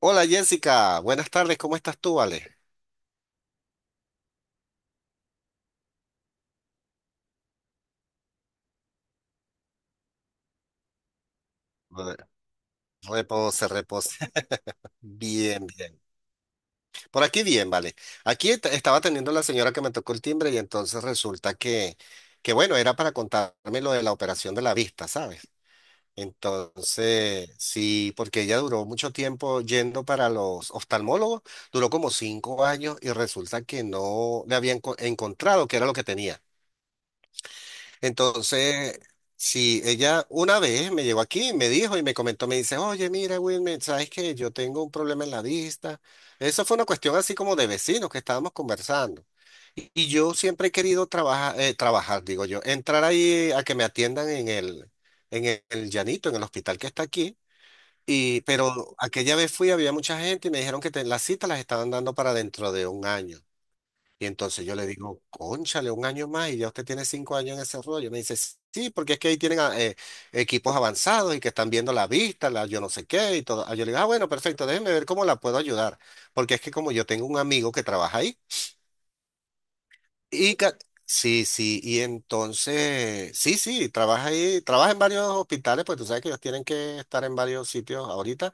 Hola Jessica, buenas tardes, ¿cómo estás tú, Vale? Re- Repose, repose. Bien, bien. Por aquí bien, vale. Aquí estaba atendiendo la señora que me tocó el timbre y entonces resulta que bueno, era para contarme lo de la operación de la vista, ¿sabes? Entonces, sí, porque ella duró mucho tiempo yendo para los oftalmólogos, duró como 5 años y resulta que no le habían encontrado qué era lo que tenía. Entonces, si ella una vez me llegó aquí, me dijo y me comentó, me dice, oye, mira, Wilmer, ¿sabes qué? Yo tengo un problema en la vista. Eso fue una cuestión así como de vecinos que estábamos conversando. Y yo siempre he querido trabajar, trabajar, digo yo, entrar ahí a que me atiendan en El Llanito, en el hospital que está aquí. Y, pero aquella vez fui, había mucha gente y me dijeron que las citas las estaban dando para dentro de un año. Y entonces yo le digo, cónchale, un año más y ya usted tiene 5 años en ese rollo. Me dice, sí, porque es que ahí tienen equipos avanzados y que están viendo la vista, la yo no sé qué y todo. Ah, yo le digo, ah, bueno, perfecto, déjeme ver cómo la puedo ayudar. Porque es que como yo tengo un amigo que trabaja ahí y sí, sí, y entonces, sí, sí, trabaja ahí, trabaja en varios hospitales, pues tú sabes que ellos tienen que estar en varios sitios ahorita.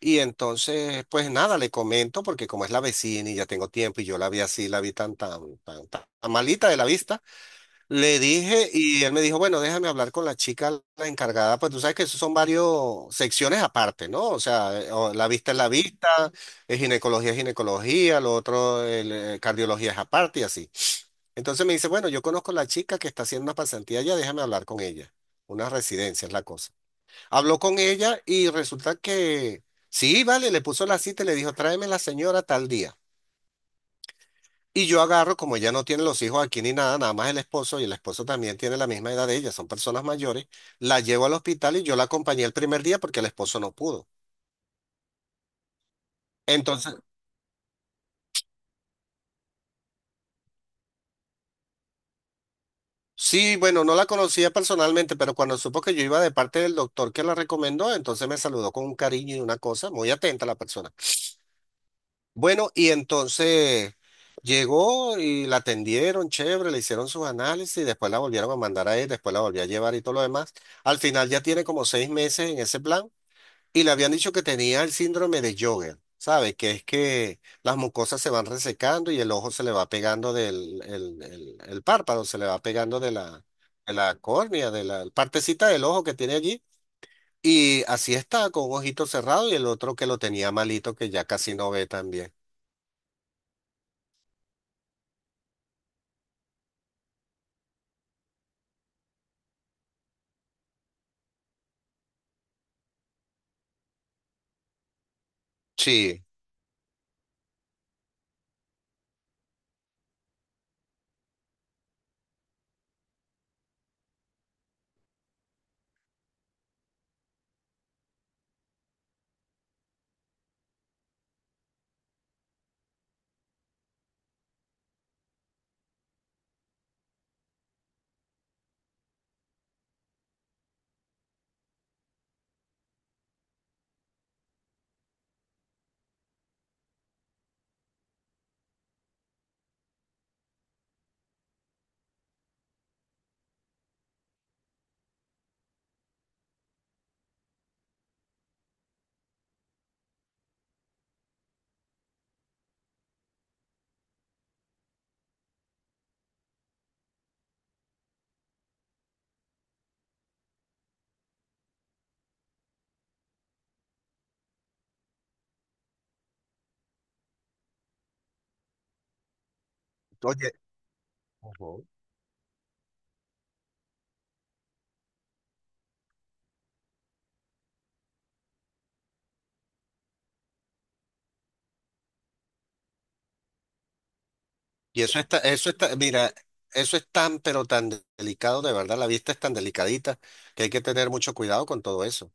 Y entonces, pues nada, le comento, porque como es la vecina y ya tengo tiempo y yo la vi así, la vi tan, tan, tan, tan malita de la vista, le dije y él me dijo, bueno, déjame hablar con la chica, la encargada, pues tú sabes que eso son varias secciones aparte, ¿no? O sea, o la vista, es ginecología, lo otro, el, cardiología es aparte y así. Entonces me dice, bueno, yo conozco a la chica que está haciendo una pasantía allá, déjame hablar con ella. Una residencia es la cosa. Habló con ella y resulta que sí, vale, le puso la cita y le dijo, tráeme la señora tal día. Y yo agarro, como ella no tiene los hijos aquí ni nada, nada más el esposo, y el esposo también tiene la misma edad de ella, son personas mayores, la llevo al hospital y yo la acompañé el primer día porque el esposo no pudo. Entonces, sí, bueno, no la conocía personalmente, pero cuando supo que yo iba de parte del doctor que la recomendó, entonces me saludó con un cariño y una cosa, muy atenta la persona. Bueno, y entonces llegó y la atendieron, chévere, le hicieron sus análisis, y después la volvieron a mandar a él, después la volvió a llevar y todo lo demás. Al final ya tiene como 6 meses en ese plan y le habían dicho que tenía el síndrome de Jogger, ¿sabes? Que es que las mucosas se van resecando y el ojo se le va pegando del el párpado, se le va pegando de la, córnea, de la partecita del ojo que tiene allí. Y así está, con un ojito cerrado y el otro que lo tenía malito, que ya casi no ve también. Sí. Oye, ujú, y eso está, mira, eso es tan, pero tan delicado, de verdad, la vista es tan delicadita que hay que tener mucho cuidado con todo eso.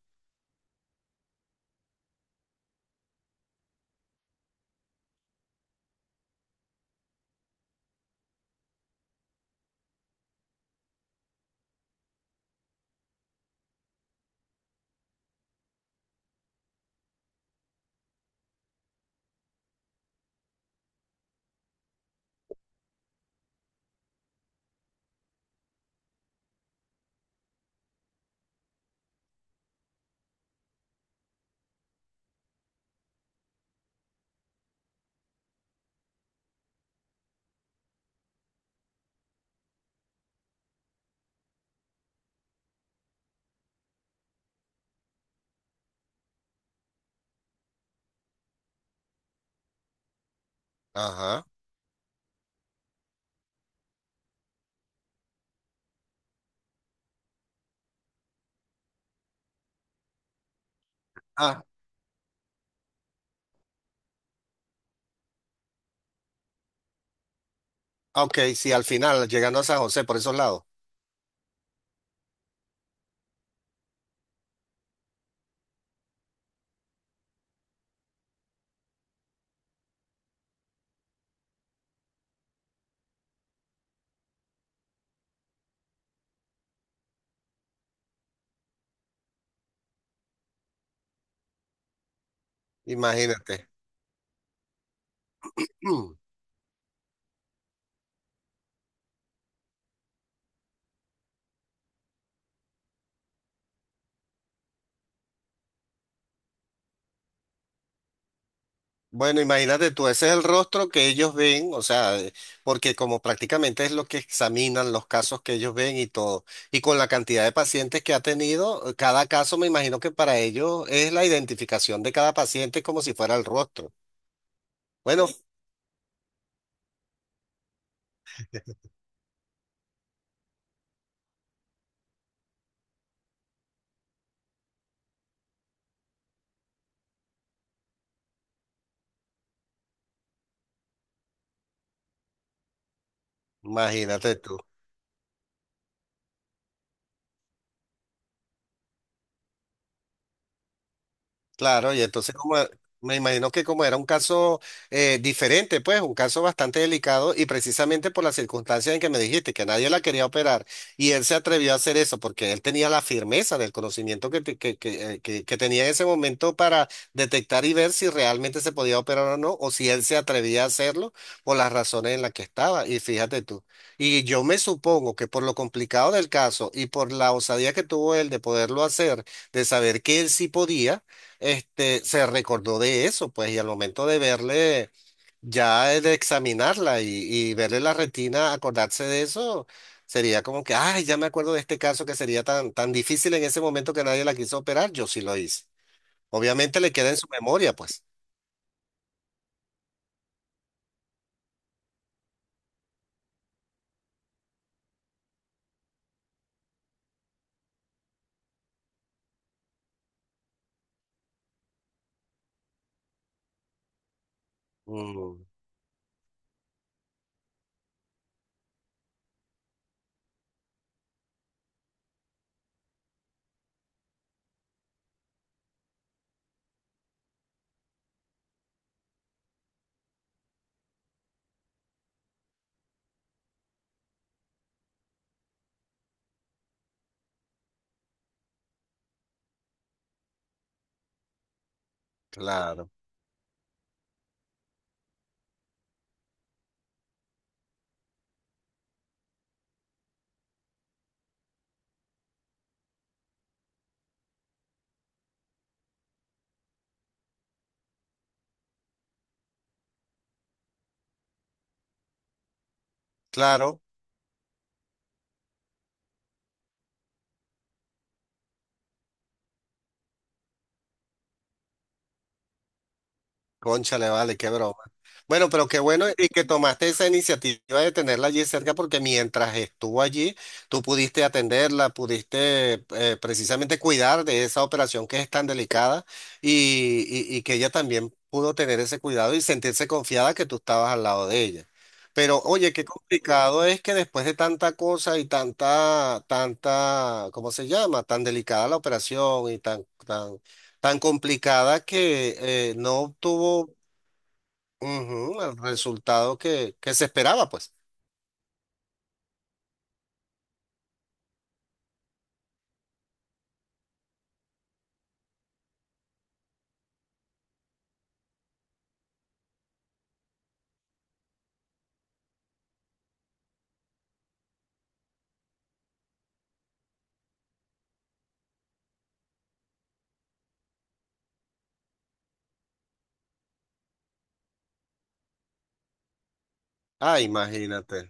Ajá. Ah, ok, sí, al final, llegando a San José por esos lados, imagínate. Mm. Bueno, imagínate tú, ese es el rostro que ellos ven, o sea, porque como prácticamente es lo que examinan los casos que ellos ven y todo, y con la cantidad de pacientes que ha tenido, cada caso me imagino que para ellos es la identificación de cada paciente como si fuera el rostro. Bueno, imagínate tú. Claro, y entonces como, me imagino que como era un caso diferente, pues un caso bastante delicado y precisamente por las circunstancias en que me dijiste que nadie la quería operar y él se atrevió a hacer eso porque él tenía la firmeza del conocimiento que, te- que tenía en ese momento para detectar y ver si realmente se podía operar o no, o si él se atrevía a hacerlo por las razones en las que estaba. Y fíjate tú, y yo me supongo que por lo complicado del caso y por la osadía que tuvo él de poderlo hacer, de saber que él sí podía, este, se recordó de eso, pues, y al momento de verle, ya de examinarla y, verle la retina, acordarse de eso, sería como que, ay, ya me acuerdo de este caso que sería tan, tan difícil en ese momento que nadie la quiso operar, yo sí lo hice. Obviamente le queda en su memoria, pues. Mm, claro, claro. Cónchale, vale, qué broma. Bueno, pero qué bueno y que tomaste esa iniciativa de tenerla allí cerca porque mientras estuvo allí, tú pudiste atenderla, pudiste precisamente cuidar de esa operación que es tan delicada y que ella también pudo tener ese cuidado y sentirse confiada que tú estabas al lado de ella. Pero oye, qué complicado es que después de tanta cosa y tanta, tanta, ¿cómo se llama? Tan delicada la operación y tan, tan, tan complicada que no obtuvo ujú, el resultado que se esperaba, pues. Ah, imagínate.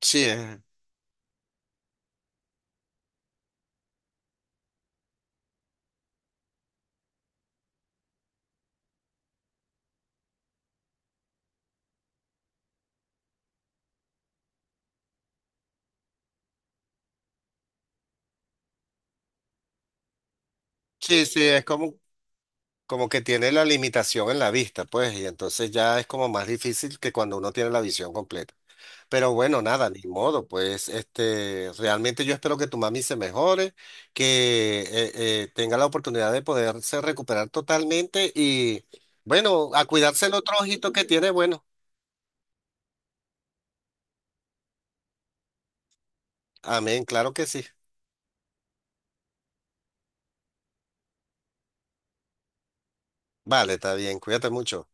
Sí, es, sí, sí, es como, que tiene la limitación en la vista, pues, y entonces ya es como más difícil que cuando uno tiene la visión completa. Pero bueno, nada, ni modo, pues, este, realmente yo espero que tu mami se mejore, que tenga la oportunidad de poderse recuperar totalmente y, bueno, a cuidarse el otro ojito que tiene, bueno. Amén, claro que sí. Vale, está bien, cuídate mucho.